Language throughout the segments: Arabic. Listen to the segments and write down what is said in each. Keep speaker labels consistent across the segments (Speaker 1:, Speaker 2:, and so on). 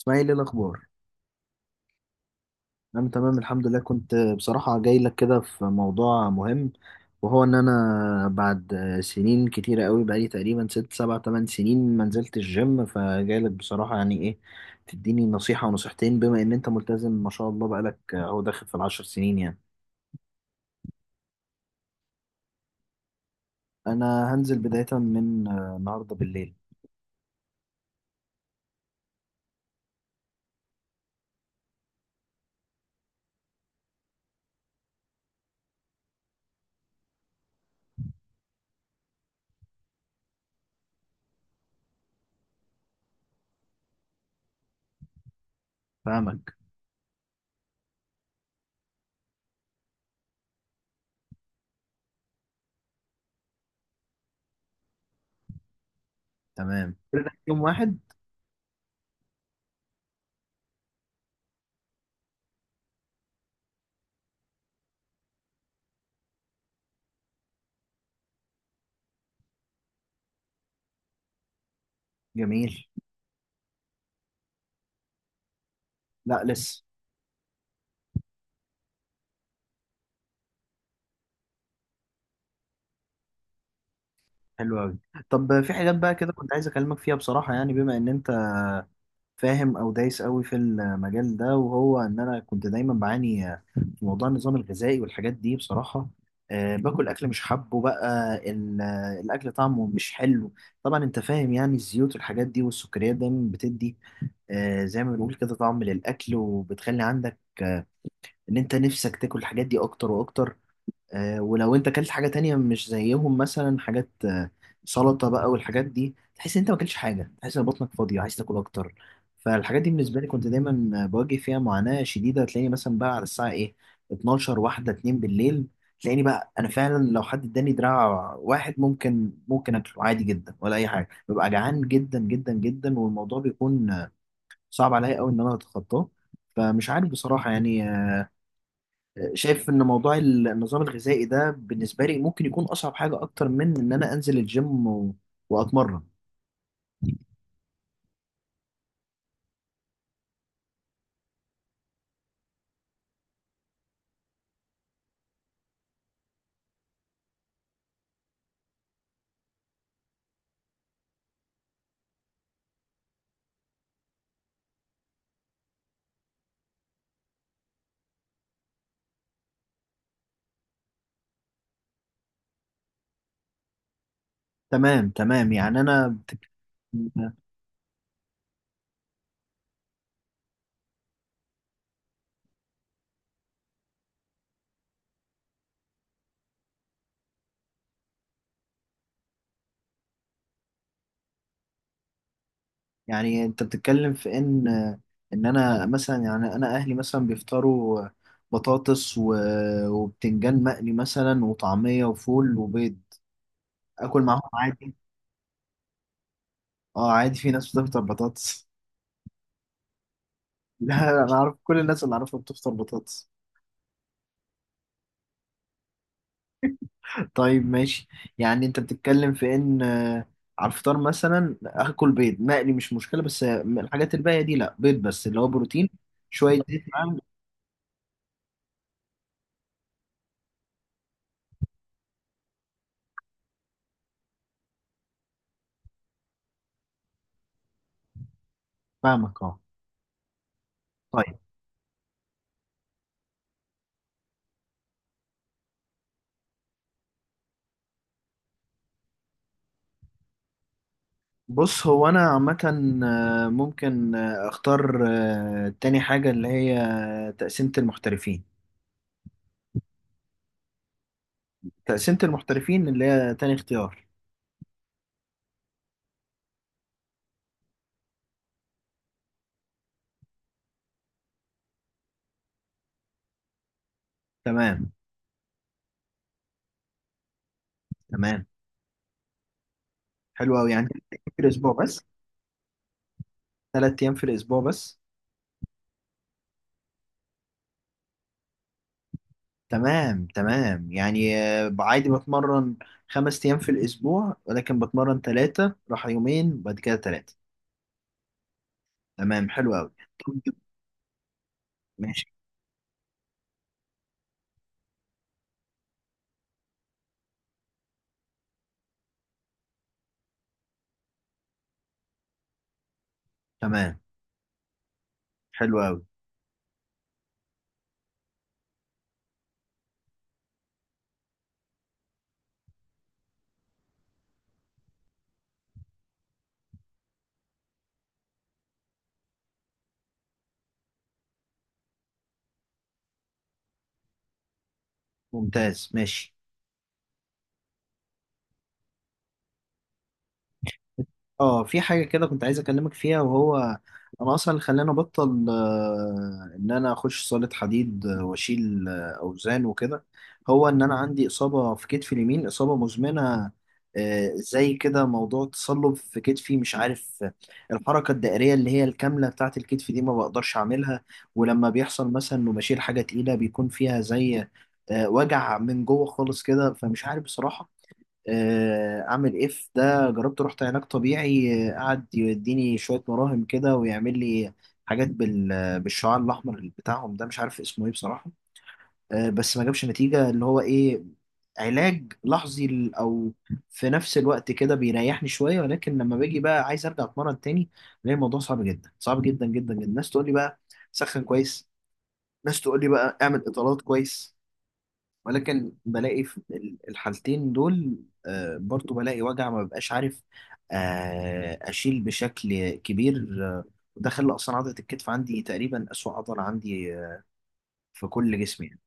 Speaker 1: اسماعيل ايه الاخبار؟ انا تمام الحمد لله. كنت بصراحه جاي لك كده في موضوع مهم، وهو ان انا بعد سنين كتيره قوي، بقالي تقريبا ست سبع تمن سنين ما نزلت الجيم، فجاي لك بصراحه يعني ايه، تديني نصيحه ونصيحتين بما ان انت ملتزم ما شاء الله، بقالك اهو داخل في العشر سنين يعني. انا هنزل بدايه من النهارده بالليل. فاهمك. تمام، كل ده في يوم واحد؟ جميل. لا لسه. حلو قوي. طب في حاجات بقى كده كنت عايز اكلمك فيها بصراحه، يعني بما ان انت فاهم او دايس قوي في المجال ده، وهو ان انا كنت دايما بعاني في موضوع النظام الغذائي والحاجات دي بصراحه. أه باكل اكل مش حابه بقى الاكل طعمه مش حلو. طبعا انت فاهم، يعني الزيوت والحاجات دي والسكريات دايما بتدي أه زي ما بنقول كده طعم للاكل، وبتخلي عندك ان انت نفسك تاكل الحاجات دي اكتر واكتر. ولو انت اكلت حاجه تانية مش زيهم، مثلا حاجات سلطه بقى والحاجات دي، تحس ان انت ما اكلتش حاجه، تحس ان بطنك فاضيه عايز تاكل اكتر. فالحاجات دي بالنسبه لي كنت دايما بواجه فيها معاناه شديده. تلاقيني مثلا بقى على الساعه ايه، 12 واحده 2 بالليل، تلاقيني بقى انا فعلا لو حد اداني دراع واحد، ممكن اكله عادي جدا ولا اي حاجه، ببقى جعان جدا جدا جدا، والموضوع بيكون صعب عليا قوي ان انا اتخطاه. فمش عارف بصراحه يعني، شايف ان موضوع النظام الغذائي ده بالنسبه لي ممكن يكون اصعب حاجه، اكتر من ان انا انزل الجيم واتمرن. تمام تمام، يعني يعني انت بتتكلم في ان ان انا مثلا، يعني انا اهلي مثلا بيفطروا بطاطس وبتنجان مقلي مثلا، وطعميه وفول وبيض، اكل معاهم عادي. اه عادي، في ناس بتفطر بطاطس. لا انا اعرف كل الناس اللي اعرفها بتفطر بطاطس. طيب ماشي، يعني انت بتتكلم في ان على الفطار مثلا اكل بيض مقلي مش مشكله، بس الحاجات الباقيه دي لا، بيض بس اللي هو بروتين، شويه زيت معاهم. فاهمك اه. طيب بص هو انا عامه ممكن اختار تاني حاجه اللي هي تقسيمه المحترفين. تقسيمه المحترفين اللي هي تاني اختيار. تمام تمام. حلو قوي، يعني تلات أيام في الاسبوع بس؟ ثلاث ايام في الاسبوع بس؟ تمام تمام، يعني عادي بتمرن خمس أيام في الأسبوع، ولكن بتمرن ثلاثة راح يومين وبعد كده ثلاثة. تمام حلو أوي. طب ماشي. تمام حلو أوي. ممتاز ماشي. اه في حاجة كده كنت عايز أكلمك فيها، وهو أنا أصلا اللي خلاني أبطل إن أنا أخش صالة حديد وأشيل أوزان وكده، هو إن أنا عندي إصابة في كتفي اليمين، إصابة مزمنة زي كده موضوع تصلب في كتفي. مش عارف الحركة الدائرية اللي هي الكاملة بتاعة الكتف دي ما بقدرش أعملها. ولما بيحصل مثلا إنه بشيل حاجة تقيلة، بيكون فيها زي وجع من جوه خالص كده. فمش عارف بصراحة اعمل ايه في ده. جربت رحت علاج طبيعي، قعد يديني شويه مراهم كده ويعمل لي حاجات بالشعاع الاحمر بتاعهم ده، مش عارف اسمه ايه بصراحه، بس ما جابش نتيجه. اللي هو ايه، علاج لحظي او في نفس الوقت كده بيريحني شويه، ولكن لما باجي بقى عايز ارجع اتمرن تاني، بلاقي الموضوع صعب جدا، صعب جدا جدا جدا. الناس تقول لي بقى سخن كويس، ناس تقول لي بقى اعمل اطالات كويس، ولكن بلاقي في الحالتين دول برضو بلاقي وجع، ما ببقاش عارف أشيل بشكل كبير. وده خلى أصلا عضلة الكتف عندي تقريبا أسوأ عضلة عندي في كل جسمي يعني.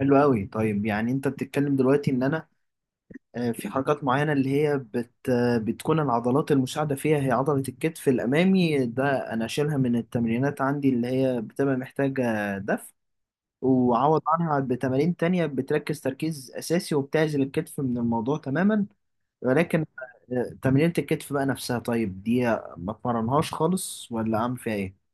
Speaker 1: حلو قوي. طيب يعني أنت بتتكلم دلوقتي إن أنا في حركات معينة اللي هي بت آه، بتكون العضلات المساعدة فيها هي عضلة الكتف الأمامي، ده أنا أشيلها من التمرينات عندي اللي هي بتبقى محتاجة دفع، وعوض عنها بتمارين تانية بتركز تركيز أساسي وبتعزل الكتف من الموضوع تماما. ولكن تمرينة الكتف بقى نفسها طيب دي، ما اتمرنهاش خالص ولا أعمل فيها إيه؟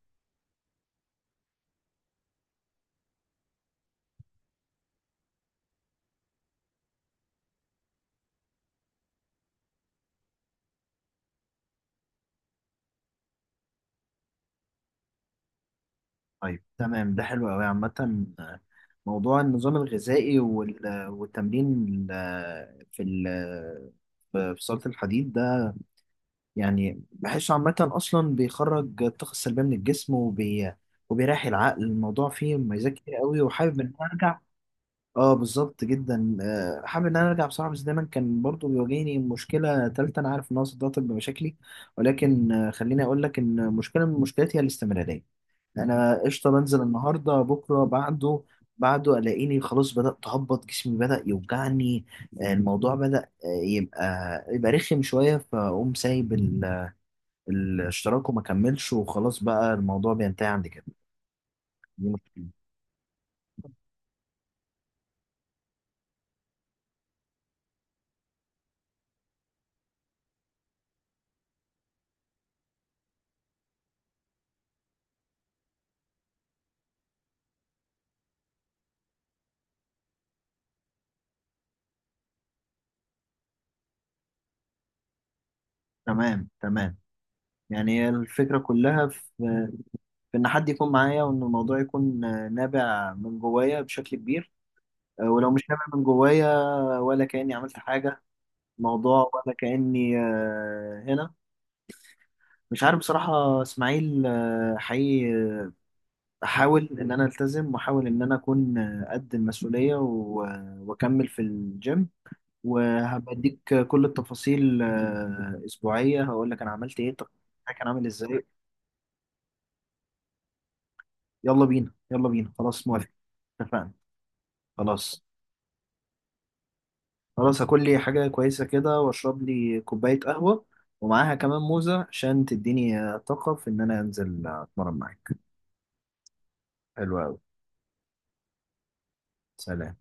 Speaker 1: طيب تمام، ده حلو أوي. عامة موضوع النظام الغذائي والتمرين في صالة الحديد ده، يعني بحسه عامة أصلا بيخرج الطاقة السلبية من الجسم، وبيريح العقل. الموضوع فيه مميزات كتير قوي وحابب إن أنا أرجع. اه بالظبط جدا، حابب ان انا ارجع بصراحه، بس دايما كان برضو بيواجهني مشكله تالته انا عارف انها صدعت بمشاكلي، ولكن خليني اقول لك ان مشكله من المشكلات هي الاستمراريه. انا قشطه بنزل النهارده بكره بعده، بعده الاقيني خلاص بدات اهبط، جسمي بدا يوجعني، الموضوع بدا يبقى رخم شويه، فاقوم سايب الاشتراك وما كملش، وخلاص بقى الموضوع بينتهي عند كده. دي مشكلة. تمام تمام، يعني هي الفكرة كلها في ان حد يكون معايا، وان الموضوع يكون نابع من جوايا بشكل كبير. ولو مش نابع من جوايا، ولا كاني عملت حاجه موضوع، ولا كاني هنا. مش عارف بصراحه اسماعيل، حقيقي احاول ان انا التزم، واحاول ان انا اكون قد المسؤوليه واكمل في الجيم، وهبديك كل التفاصيل اسبوعيه هقول لك انا عملت ايه، طب كان عامل ازاي. يلا بينا يلا بينا، خلاص موافق، اتفقنا. خلاص. خلاص هاكل لي حاجة كويسة كده، واشرب لي كوباية قهوة، ومعاها كمان موزة عشان تديني طاقة في ان انا انزل اتمرن معاك. حلو اوي. سلام.